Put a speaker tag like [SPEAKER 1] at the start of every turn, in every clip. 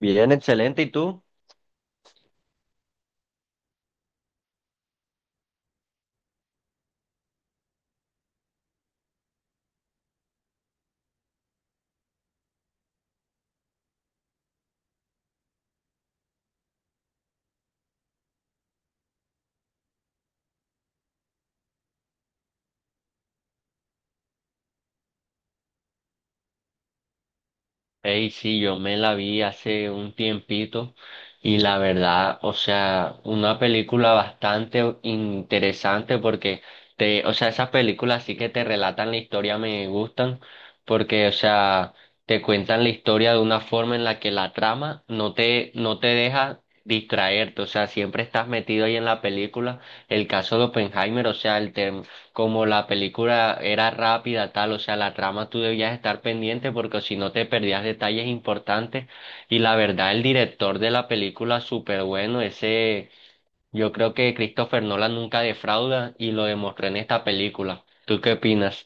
[SPEAKER 1] Bien, excelente. ¿Y tú? Ey, sí, yo me la vi hace un tiempito y la verdad, o sea, una película bastante interesante porque o sea, esas películas sí que te relatan la historia me gustan porque, o sea, te cuentan la historia de una forma en la que la trama no te deja distraerte, o sea, siempre estás metido ahí en la película. El caso de Oppenheimer, como la película era rápida, tal, o sea, la trama tú debías estar pendiente porque si no te perdías detalles importantes. Y la verdad, el director de la película, súper bueno. Yo creo que Christopher Nolan nunca defrauda y lo demostró en esta película. ¿Tú qué opinas?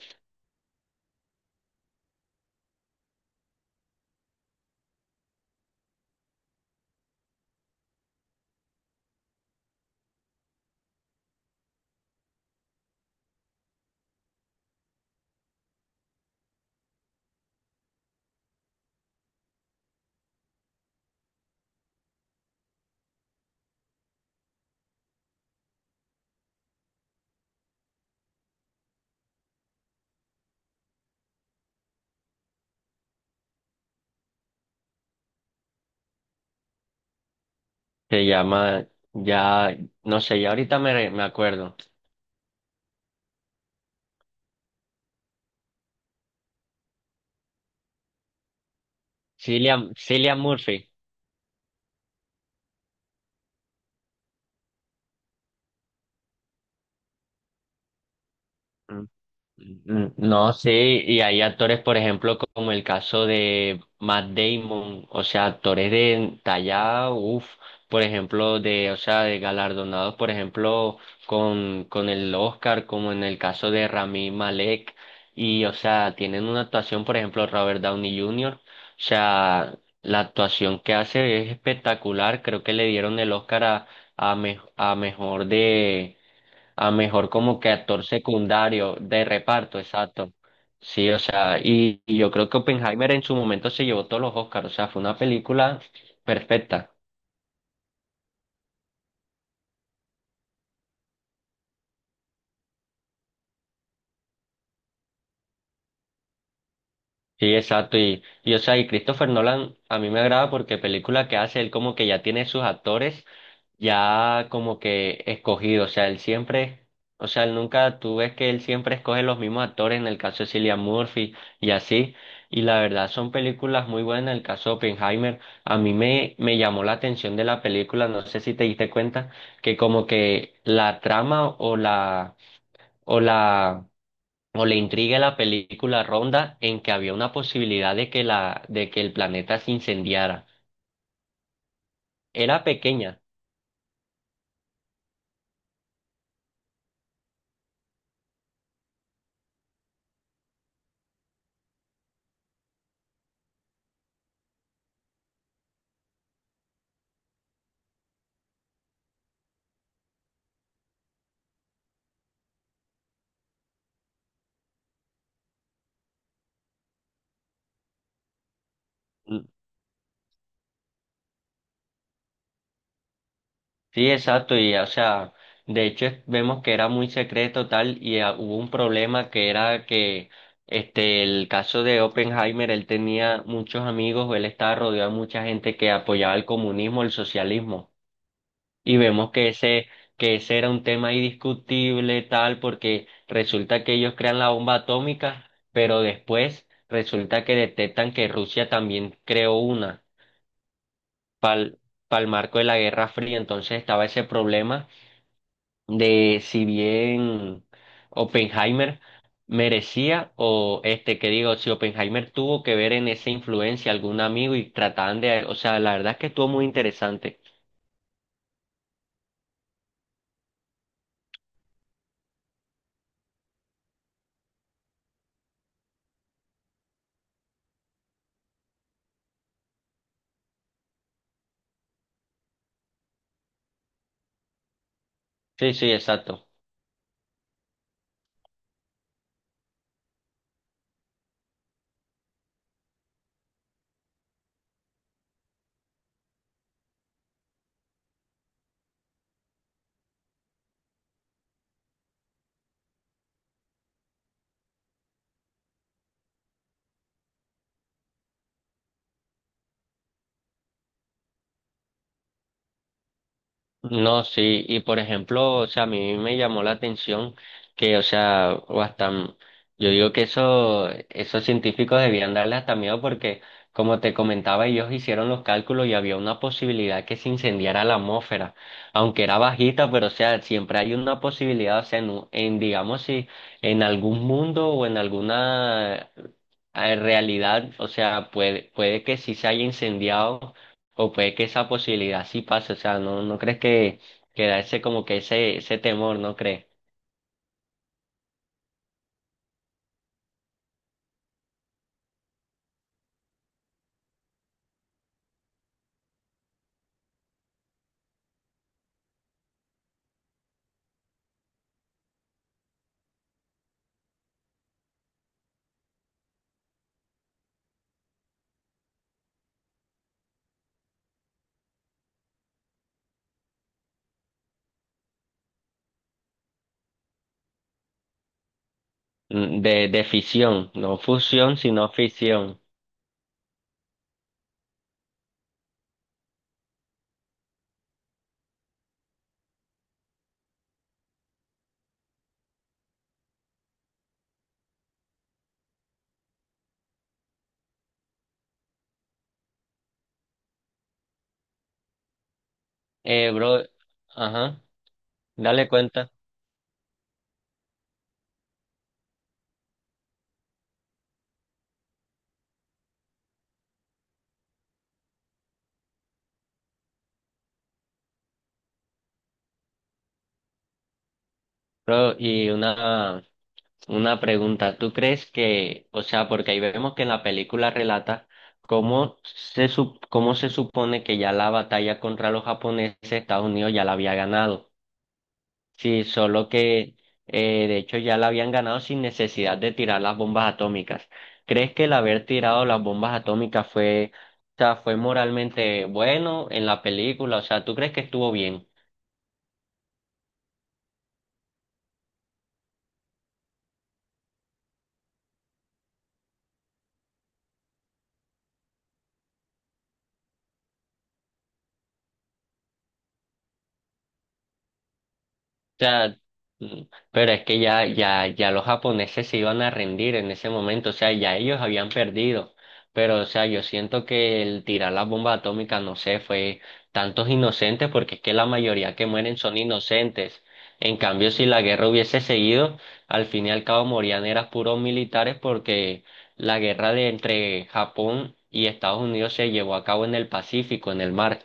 [SPEAKER 1] Se llama, ya, no sé, ya ahorita me acuerdo. Cillian Murphy. Mm. No sé, y hay actores, por ejemplo, como el caso de Matt Damon, o sea, actores de talla, uff, por ejemplo, de, o sea, de galardonados, por ejemplo, con el Oscar, como en el caso de Rami Malek, y, o sea, tienen una actuación, por ejemplo, Robert Downey Jr., o sea, la actuación que hace es espectacular, creo que le dieron el Oscar a, me- a mejor de a mejor como que actor secundario de reparto, exacto. Sí, o sea, y yo creo que Oppenheimer en su momento se llevó todos los Oscars, o sea, fue una película perfecta. Sí, exacto, y o sea, y Christopher Nolan a mí me agrada porque película que hace, él como que ya tiene sus actores ya como que escogido, o sea, él siempre, o sea, él nunca, tú ves que él siempre escoge los mismos actores, en el caso de Cillian Murphy y así, y la verdad son películas muy buenas, en el caso de Oppenheimer, a mí me llamó la atención de la película, no sé si te diste cuenta, que como que la trama o la, o la, o la intriga de la película ronda en que había una posibilidad de que el planeta se incendiara, era pequeña. Sí, exacto, y o sea, vemos que era muy secreto tal y ah, hubo un problema que era que este el caso de Oppenheimer, él tenía muchos amigos, él estaba rodeado de mucha gente que apoyaba el comunismo, el socialismo, y vemos que ese era un tema indiscutible tal porque resulta que ellos crean la bomba atómica, pero después resulta que detectan que Rusia también creó una pal- para el marco de la Guerra Fría, entonces estaba ese problema de si bien Oppenheimer merecía o este que digo, si Oppenheimer tuvo que ver en esa influencia algún amigo y trataban de, o sea, la verdad es que estuvo muy interesante. Sí, sí, exacto. No, sí, y por ejemplo, o sea, a mí me llamó la atención que, o sea, yo digo que eso, esos científicos debían darle hasta miedo porque, como te comentaba, ellos hicieron los cálculos y había una posibilidad que se incendiara la atmósfera, aunque era bajita, pero, o sea, siempre hay una posibilidad, o sea, digamos, si en algún mundo o en alguna realidad, o sea, puede que sí se haya incendiado o puede que esa posibilidad sí pase, o sea, ¿no, no crees que da ese como que ese temor, no crees? Mm. De fisión, no fusión, sino fisión. Bro, ajá, dale cuenta. Bro, una pregunta, ¿tú crees que, o sea, porque ahí vemos que en la película relata cómo se supone que ya la batalla contra los japoneses, Estados Unidos ya la había ganado? Sí, solo que de hecho ya la habían ganado sin necesidad de tirar las bombas atómicas. ¿Crees que el haber tirado las bombas atómicas fue, o sea, fue moralmente bueno en la película? O sea, ¿tú crees que estuvo bien? Sea, mm, pero es que ya los japoneses se iban a rendir en ese momento, o sea, ya ellos habían perdido, pero, o sea, yo siento que el tirar la bomba atómica, no sé, fue tantos inocentes, porque es que la mayoría que mueren son inocentes. En cambio, si la guerra hubiese seguido, al fin y al cabo morían eran puros militares porque la guerra de entre Japón y Estados Unidos se llevó a cabo en el Pacífico, en el mar.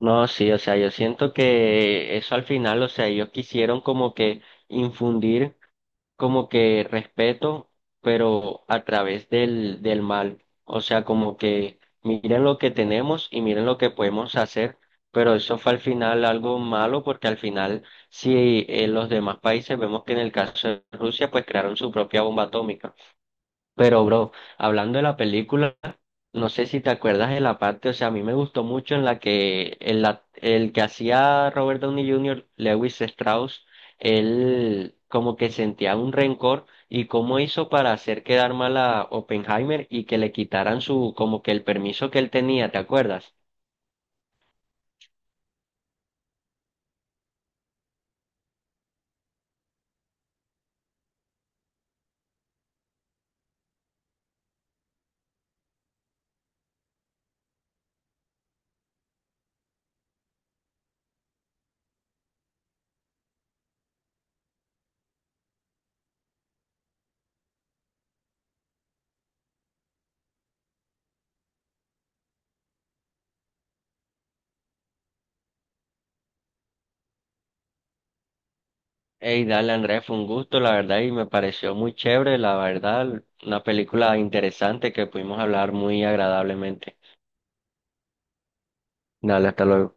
[SPEAKER 1] No, sí, o sea, yo siento que eso al final, o sea, ellos quisieron como que infundir como que respeto, pero a través del mal. O sea, como que miren lo que tenemos y miren lo que podemos hacer, pero eso fue al final algo malo porque al final, si en los demás países vemos que en el caso de Rusia, pues crearon su propia bomba atómica. Pero, bro, hablando de la película... No sé si te acuerdas de la parte, o sea, a mí me gustó mucho en la que el que hacía Robert Downey Jr., Lewis Strauss, él como que sentía un rencor y cómo hizo para hacer quedar mal a Oppenheimer y que le quitaran su, como que el permiso que él tenía, ¿te acuerdas? Ey, dale, Andrés, fue un gusto, la verdad, y me pareció muy chévere, la verdad, una película interesante que pudimos hablar muy agradablemente. Dale, hasta luego.